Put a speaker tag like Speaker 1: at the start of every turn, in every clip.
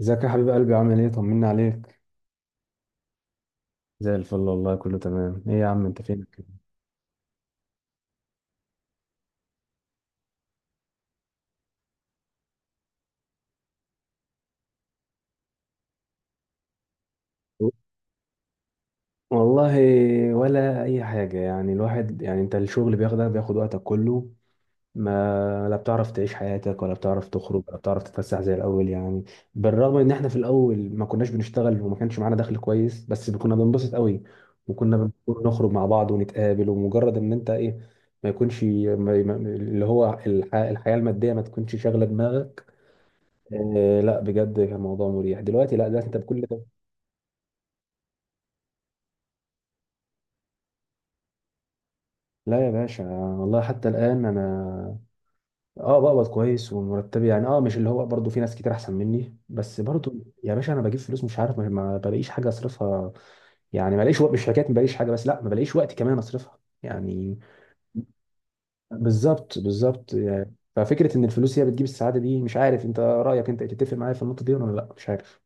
Speaker 1: ازيك يا حبيب قلبي؟ عامل ايه؟ طمنا عليك. زي الفل والله، كله تمام. ايه يا عم انت فينك كده؟ والله، ولا اي حاجه، يعني الواحد، يعني انت الشغل بياخد وقتك كله. ما لا بتعرف تعيش حياتك، ولا بتعرف تخرج، ولا بتعرف تتفسح زي الاول، يعني. بالرغم ان احنا في الاول ما كناش بنشتغل وما كانش معانا دخل كويس، بس كنا بننبسط قوي، وكنا نخرج مع بعض ونتقابل، ومجرد ان انت ايه، ما يكونش ما ما- اللي هو الحياه الماديه ما تكونش شاغله دماغك. إيه، لا بجد كان موضوع مريح. دلوقتي لا، دلوقتي انت بكل ده. لا يا باشا، والله حتى الان انا اه بقبض كويس، ومرتبي يعني مش اللي هو، برضه في ناس كتير احسن مني، بس برضه. يا باشا، انا بجيب فلوس مش عارف، ما بلاقيش حاجه اصرفها. يعني ما بلاقيش وقت، مش حكايه ما بلاقيش حاجه، بس لا، ما بلاقيش وقت كمان اصرفها، يعني. بالظبط، بالظبط، يعني ففكره ان الفلوس هي بتجيب السعاده دي. مش عارف انت رايك، انت تتفق معايا في النقطه دي ولا لا؟ مش عارف.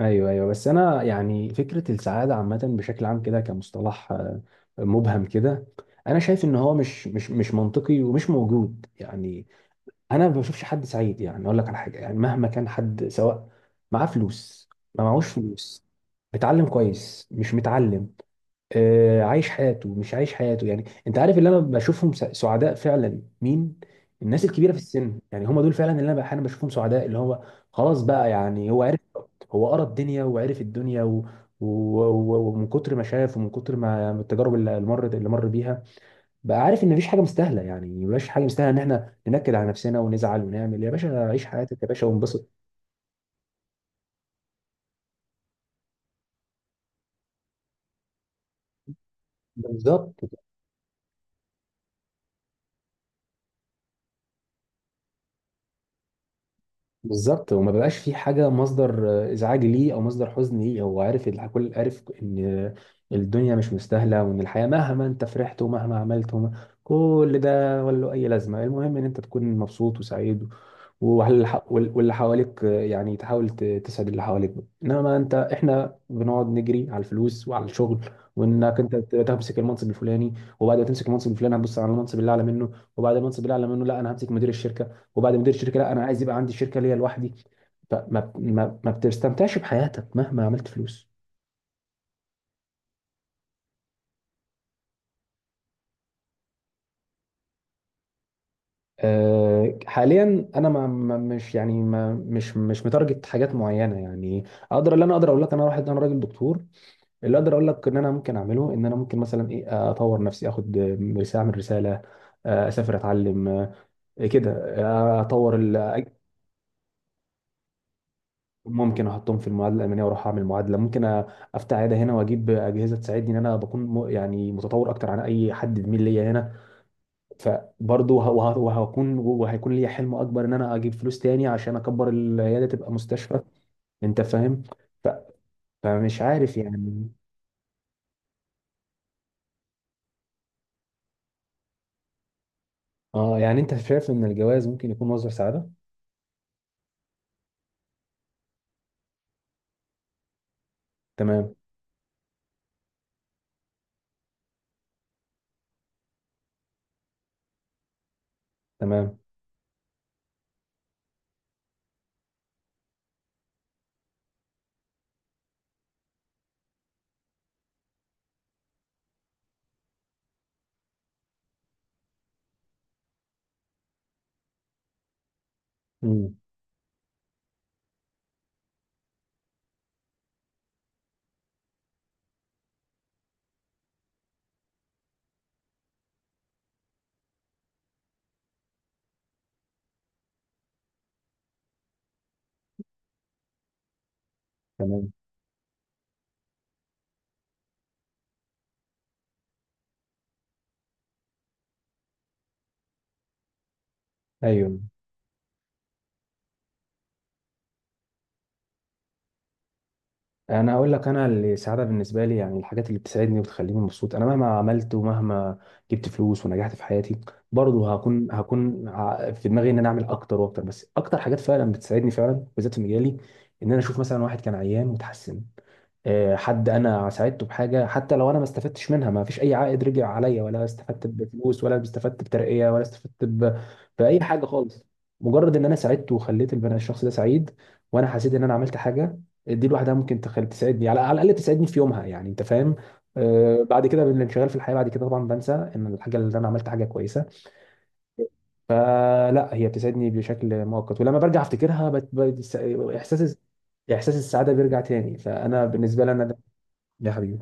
Speaker 1: ايوه، ايوه، بس انا يعني فكره السعاده عامه بشكل عام كده، كمصطلح مبهم كده. انا شايف ان هو مش منطقي ومش موجود، يعني. انا ما بشوفش حد سعيد، يعني اقول لك على حاجه. يعني مهما كان حد، سواء معاه فلوس، ما معهوش فلوس، متعلم كويس، مش متعلم، عايش حياته، مش عايش حياته. يعني انت عارف اللي انا بشوفهم سعداء فعلا؟ مين؟ الناس الكبيره في السن، يعني هم دول فعلا اللي انا احيانا بشوفهم سعداء. اللي هو خلاص بقى، يعني هو عرف. هو قرا الدنيا وعرف الدنيا، و... ومن كتر ما شاف، ومن كتر ما التجارب اللي اللي مر اللي مر بيها، بقى عارف ان مفيش حاجه مستاهله. يعني مفيش حاجه مستاهله ان احنا ننكد على نفسنا ونزعل ونعمل. يا باشا عيش حياتك، يا باشا، وانبسط. بالظبط، بالظبط، وما بقاش في حاجه مصدر ازعاج ليه او مصدر حزن ليه. هو عارف كل، عارف ان الدنيا مش مستاهله، وان الحياه مهما انت فرحت ومهما عملت وما، كل ده ولا له اي لازمه. المهم ان انت تكون مبسوط وسعيد، وهل واللي حواليك، يعني تحاول تسعد اللي حواليك. انما احنا بنقعد نجري على الفلوس وعلى الشغل، وانك انت تمسك المنصب الفلاني. وبعد ما تمسك المنصب الفلاني، هتبص على المنصب اللي اعلى منه. وبعد المنصب اللي اعلى منه، لا، انا همسك مدير الشركه. وبعد مدير الشركه، لا، انا عايز يبقى عندي شركه ليا لوحدي. فما ما ما بتستمتعش بحياتك مهما عملت فلوس. أه، حاليا انا مش متارجت حاجات معينه، يعني. اقدر، اللي انا اقدر اقول لك انا واحد انا راجل دكتور. اللي اقدر اقول لك ان انا ممكن اعمله، ان انا ممكن مثلا ايه، اطور نفسي، اخد رساله، اعمل رساله، اسافر، اتعلم، كده، اطور ممكن احطهم في المعادله الالمانيه، واروح اعمل معادله. ممكن افتح عياده هنا واجيب اجهزه تساعدني ان انا بكون يعني متطور اكتر عن اي حد زميل ليا هنا. فبرضه وه- وه- وهكون وهيكون ليا حلم اكبر، ان انا اجيب فلوس تاني عشان اكبر العياده، تبقى مستشفى. انت فاهم. ف- فمش عارف، يعني. اه، يعني انت شايف ان الجواز ممكن يكون مصدر سعاده؟ تمام. تمام. امم. تمام. ايوه، انا اقول لك انا السعاده بالنسبه لي يعني الحاجات اللي بتسعدني وبتخليني مبسوط. انا مهما عملت، ومهما جبت فلوس ونجحت في حياتي، برضه في دماغي ان انا اعمل اكتر واكتر. بس اكتر حاجات فعلا بتسعدني فعلا بالذات في مجالي، ان انا اشوف مثلا واحد كان عيان وتحسن، حد انا ساعدته بحاجه، حتى لو انا ما استفدتش منها، ما فيش اي عائد رجع عليا، ولا استفدت بفلوس، ولا استفدت بترقيه، ولا استفدت باي حاجه خالص. مجرد ان انا ساعدته وخليت الشخص ده سعيد، وانا حسيت ان انا عملت حاجه، دي لوحدها ممكن تساعدني، على الاقل تساعدني في يومها، يعني انت فاهم. بعد كده بالانشغال في الحياه، بعد كده طبعا بنسى ان الحاجه اللي انا عملت حاجه كويسه. فلا، هي بتساعدني بشكل مؤقت، ولما برجع افتكرها احساس، السعاده بيرجع تاني. فانا بالنسبه لي انا ده، يا حبيبي.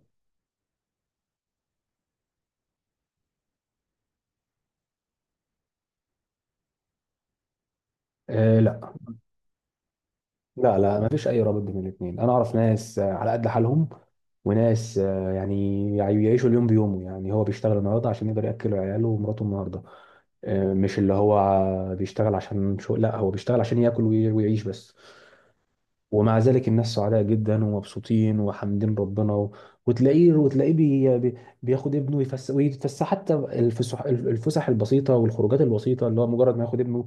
Speaker 1: لا، لا، لا، ما فيش اي رابط بين الاثنين. انا اعرف ناس على قد حالهم، وناس يعني يعيشوا اليوم بيومه. يعني هو بيشتغل النهارده عشان يقدر ياكل عياله ومراته النهارده، مش اللي هو بيشتغل عشان شو، لا، هو بيشتغل عشان ياكل ويعيش بس. ومع ذلك الناس سعداء جدا ومبسوطين وحامدين ربنا وتلاقيه بياخد ابنه ويتفسح. حتى الفسح البسيطه والخروجات البسيطه، اللي هو مجرد ما ياخد ابنه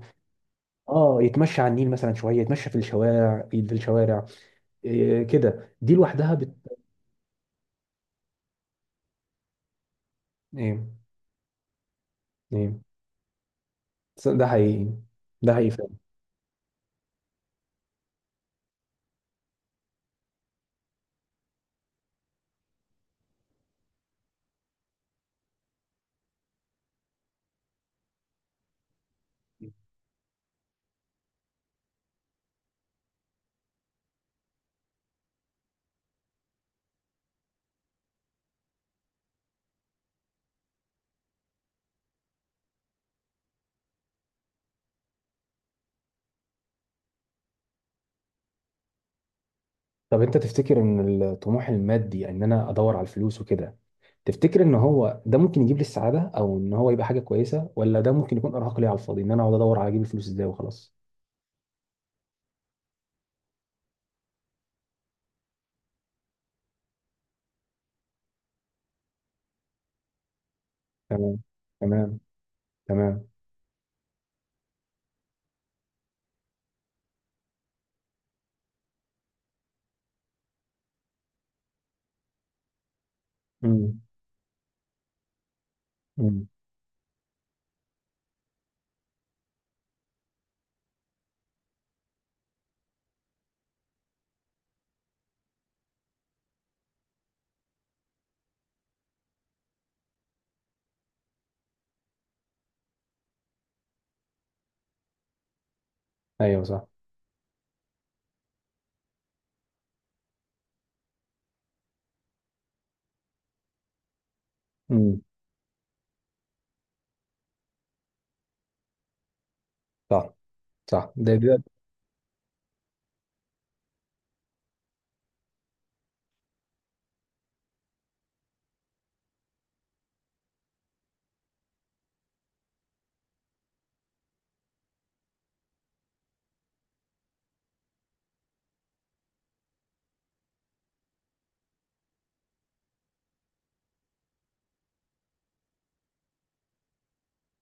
Speaker 1: اه يتمشى على النيل مثلا شويه، يتمشى في الشوارع إيه كده، دي لوحدها بت، ايه، ايه. بس ده حقيقي. ده حقيقي فعلا. طب انت تفتكر ان الطموح المادي، ان انا ادور على الفلوس وكده، تفتكر ان هو ده ممكن يجيب لي السعاده، او ان هو يبقى حاجه كويسه، ولا ده ممكن يكون ارهاق ليا على الفاضي، ان انا اقعد ادور على اجيب الفلوس ازاي وخلاص؟ تمام. تمام. تمام. امم. امم. ايوه، صح. امم. صح. صح. ده،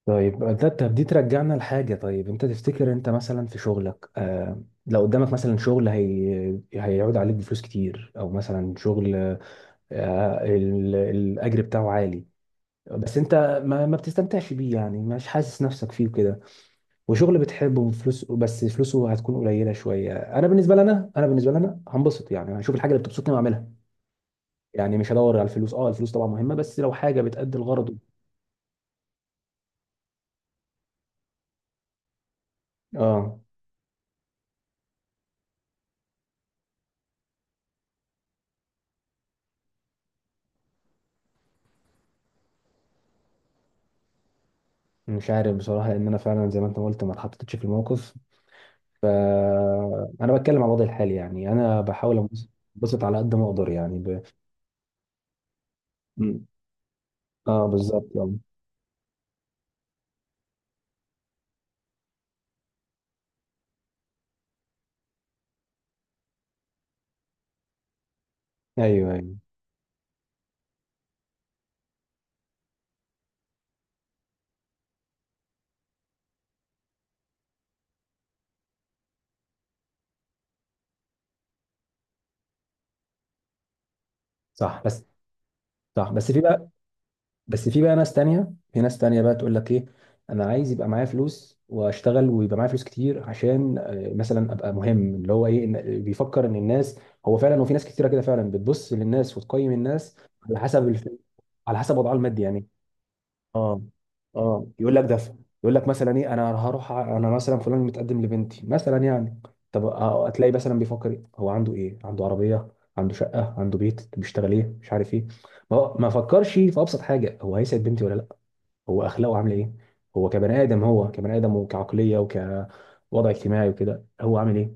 Speaker 1: طب دي ترجعنا لحاجة. طيب انت تفتكر انت مثلا في شغلك، لو قدامك مثلا شغل هيعود عليك بفلوس كتير، او مثلا شغل، الاجر بتاعه عالي، بس انت ما بتستمتعش بيه، يعني مش حاسس نفسك فيه كده. وشغل بتحبه، فلوس بس فلوسه هتكون قليلة شوية. انا بالنسبة لنا هنبسط، يعني هشوف الحاجة اللي بتبسطني واعملها. يعني مش هدور على الفلوس. اه، الفلوس طبعا مهمة، بس لو حاجة بتأدي الغرض. اه، مش عارف بصراحة، لأن أنا فعلا زي ما أنت قلت ما اتحطيتش في الموقف. أنا بتكلم عن وضعي الحالي، يعني أنا بحاول أنبسط. أنبسط على قد ما أقدر، يعني مم. أه، بالظبط، آه. أيوه، أيوه، صح بس، صح بس في بقى في بقى ناس تانية، بقى، تقول لك إيه؟ أنا عايز يبقى معايا فلوس وأشتغل، ويبقى معايا فلوس كتير، عشان مثلا أبقى مهم، اللي هو إيه، بيفكر إن الناس، هو فعلا، وفي ناس كتيرة كده فعلا بتبص للناس وتقيم الناس على حسب على حسب وضعها المادي، يعني. اه، اه، يقول لك دفع. يقول لك مثلا ايه، انا مثلا فلان متقدم لبنتي مثلا، يعني. طب، هتلاقي مثلا بيفكر إيه؟ هو عنده ايه؟ عنده عربيه، عنده شقه، عنده بيت، بيشتغل ايه، مش عارف ايه. ما هو ما فكرش في ابسط حاجه، هو هيسعد بنتي ولا لا، هو اخلاقه عامله ايه، هو كبني ادم وكعقليه وكوضع اجتماعي وكده هو عامل ايه،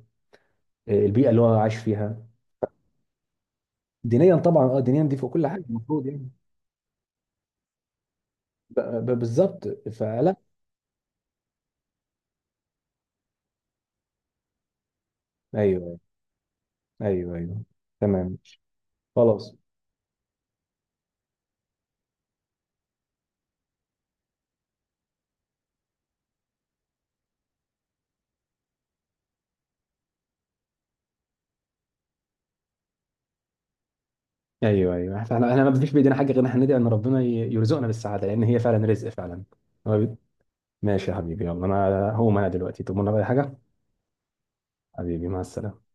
Speaker 1: البيئه اللي هو عايش فيها. دينيا طبعا، اه، دينيا دي فوق كل حاجه المفروض، يعني. بالظبط، فلا. ايوه، ايوه، ايوه. تمام. خلاص. ايوه، ايوه، احنا ما فيش بايدينا حاجه غير ان احنا ندعي ان ربنا يرزقنا بالسعاده، لان هي فعلا رزق فعلا. هو بي- ماشي يا حبيبي، يلا انا هقوم انا دلوقتي، تؤمرنا بأي حاجه؟ حبيبي، مع السلامه.